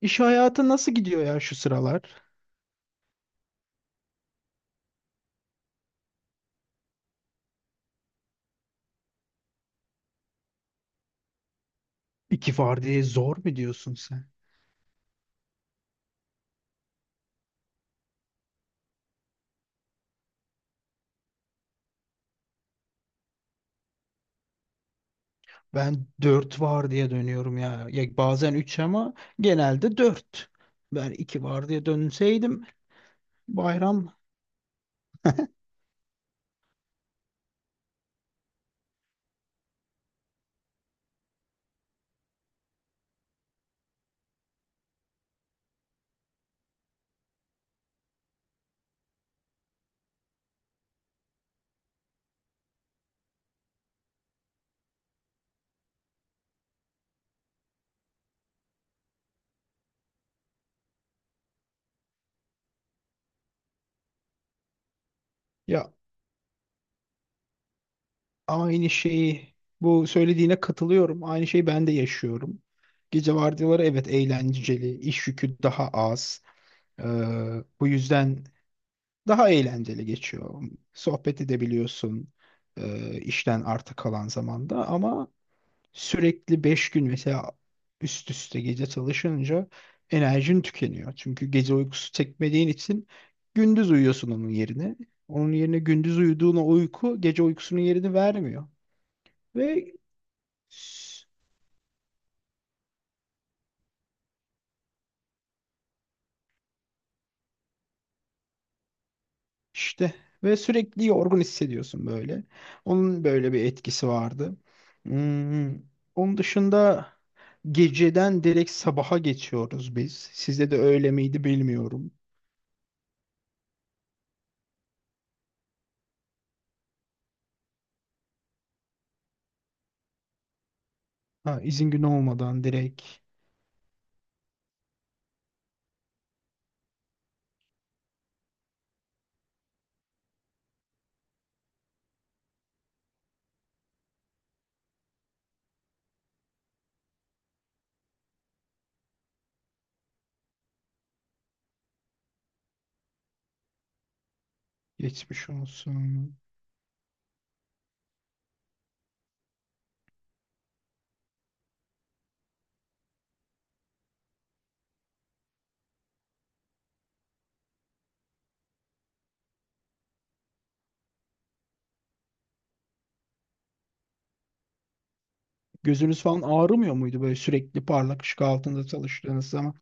İş hayatı nasıl gidiyor ya şu sıralar? İki vardiya zor mu diyorsun sen? Ben dört vardiya dönüyorum ya. Ya bazen üç ama genelde dört. Ben iki vardiya dönseydim bayram. Ya, aynı şeyi bu söylediğine katılıyorum. Aynı şeyi ben de yaşıyorum. Gece vardiyaları evet eğlenceli, iş yükü daha az. Ee, Bu yüzden daha eğlenceli geçiyor. Sohbet edebiliyorsun işten arta kalan zamanda ama sürekli 5 gün mesela üst üste gece çalışınca enerjin tükeniyor. Çünkü gece uykusu çekmediğin için gündüz uyuyorsun onun yerine. Onun yerine gündüz uyuduğuna uyku gece uykusunun yerini vermiyor. Ve s- işte sürekli yorgun hissediyorsun böyle. Onun böyle bir etkisi vardı. Hmm, Onun dışında geceden direkt sabaha geçiyoruz biz. Sizde de öyle miydi bilmiyorum. Ha, izin günü olmadan direkt. Geçmiş olsun. Gözünüz falan ağrımıyor muydu böyle sürekli parlak ışık altında çalıştığınız zaman?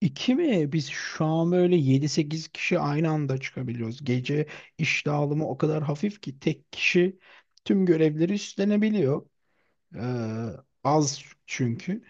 İki mi? Biz şu an böyle 7-8 kişi aynı anda çıkabiliyoruz. Gece iş dağılımı o kadar hafif ki tek kişi tüm görevleri üstlenebiliyor. Ee, Az çünkü.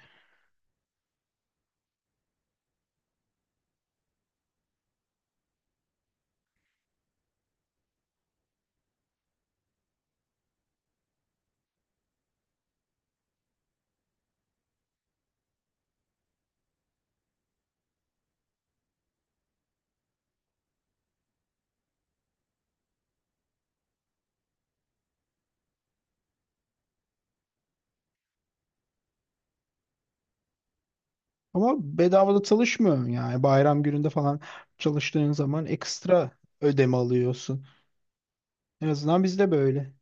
Ama bedavada çalışmıyor yani. Bayram gününde falan çalıştığın zaman ekstra ödeme alıyorsun. En azından bizde böyle.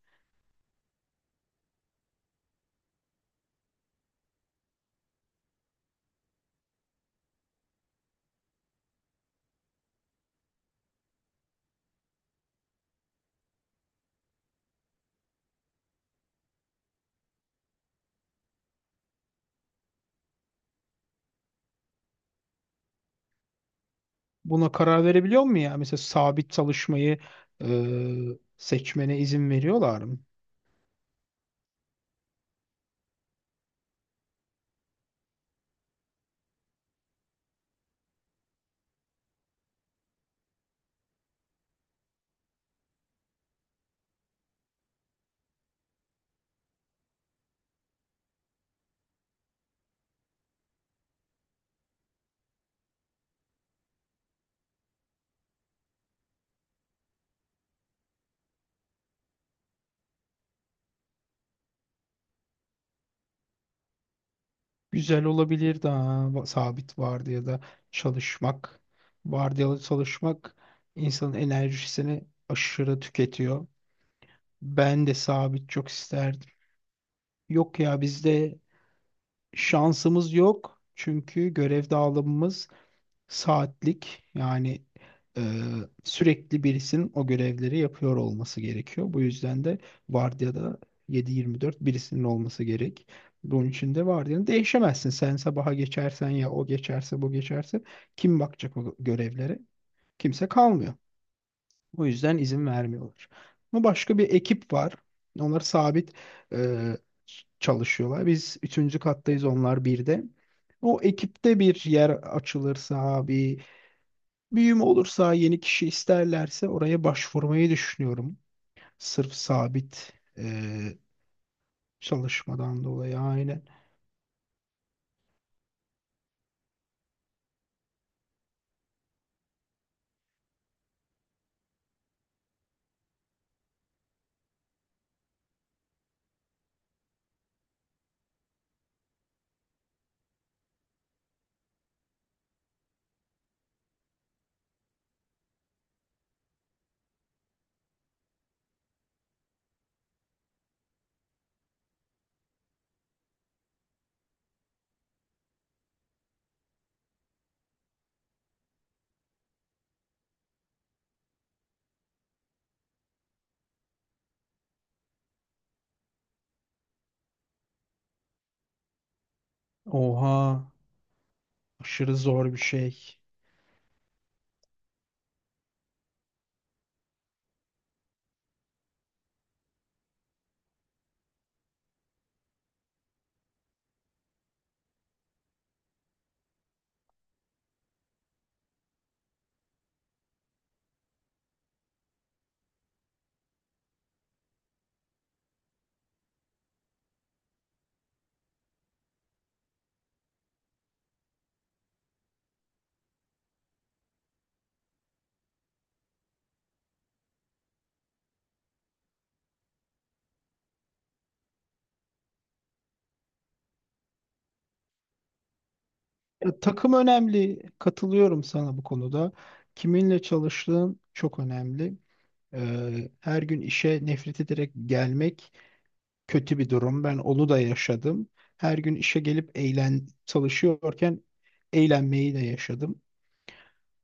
Buna karar verebiliyor mu ya? Mesela sabit çalışmayı e, seçmene izin veriyorlar mı? Güzel olabilir daha sabit vardiyada çalışmak. Vardiyalı çalışmak insanın enerjisini aşırı tüketiyor. Ben de sabit çok isterdim. Yok ya, bizde şansımız yok. Çünkü görev dağılımımız saatlik yani e, sürekli birisinin o görevleri yapıyor olması gerekiyor. Bu yüzden de vardiyada 7-24 birisinin olması gerek. Bunun için de vardiyanı değişemezsin. Sen sabaha geçersen ya o geçerse bu geçerse kim bakacak o görevlere? Kimse kalmıyor. O yüzden izin vermiyorlar. Ama başka bir ekip var. Onlar sabit e, çalışıyorlar. Biz üçüncü kattayız, onlar birde. O ekipte bir yer açılırsa, bir büyüm olursa, yeni kişi isterlerse oraya başvurmayı düşünüyorum. Sırf sabit çalışmadan dolayı, aynen. Oha, aşırı zor bir şey. Ya, takım önemli. Katılıyorum sana bu konuda. Kiminle çalıştığın çok önemli. Her gün işe nefret ederek gelmek kötü bir durum. Ben onu da yaşadım. Her gün işe gelip eğlen çalışıyorken eğlenmeyi de yaşadım.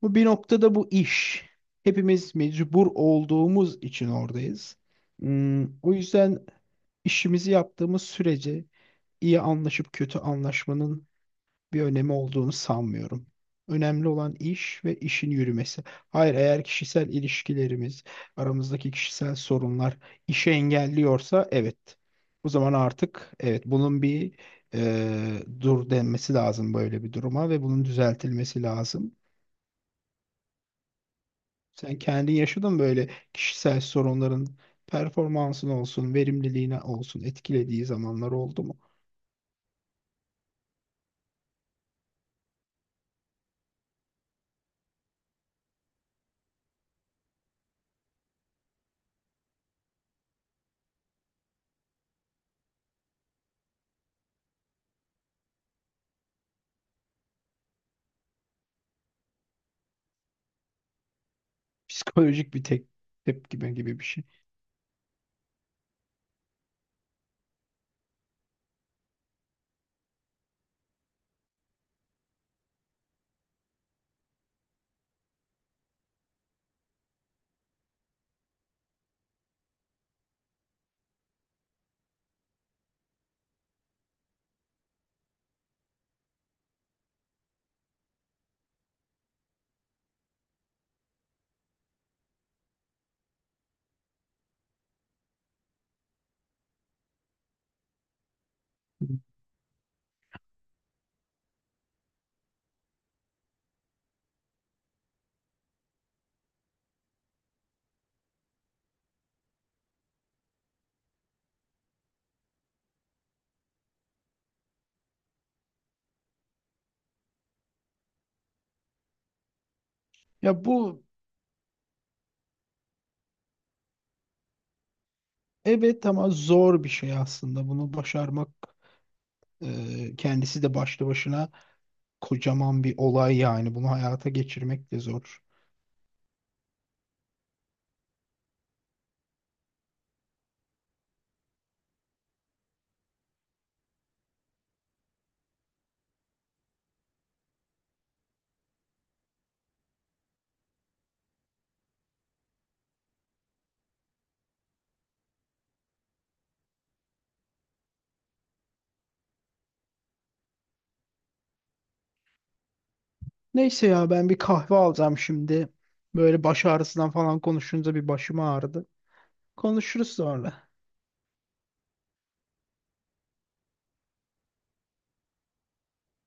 Bu bir noktada bu iş. Hepimiz mecbur olduğumuz için oradayız. O yüzden işimizi yaptığımız sürece iyi anlaşıp kötü anlaşmanın bir önemi olduğunu sanmıyorum. Önemli olan iş ve işin yürümesi. Hayır, eğer kişisel ilişkilerimiz, aramızdaki kişisel sorunlar işe engelliyorsa evet. O zaman artık evet bunun bir dur denmesi lazım böyle bir duruma ve bunun düzeltilmesi lazım. Sen kendin yaşadın böyle kişisel sorunların performansın olsun, verimliliğine olsun etkilediği zamanlar oldu mu? Psikolojik bir tek tepkime gibi gibi bir şey. Hı. Ya bu, evet ama zor bir şey aslında. Bunu başarmak kendisi de başlı başına kocaman bir olay yani. Bunu hayata geçirmek de zor. Neyse ya, ben bir kahve alacağım şimdi. Böyle baş ağrısından falan konuşunca bir başım ağrıdı. Konuşuruz sonra.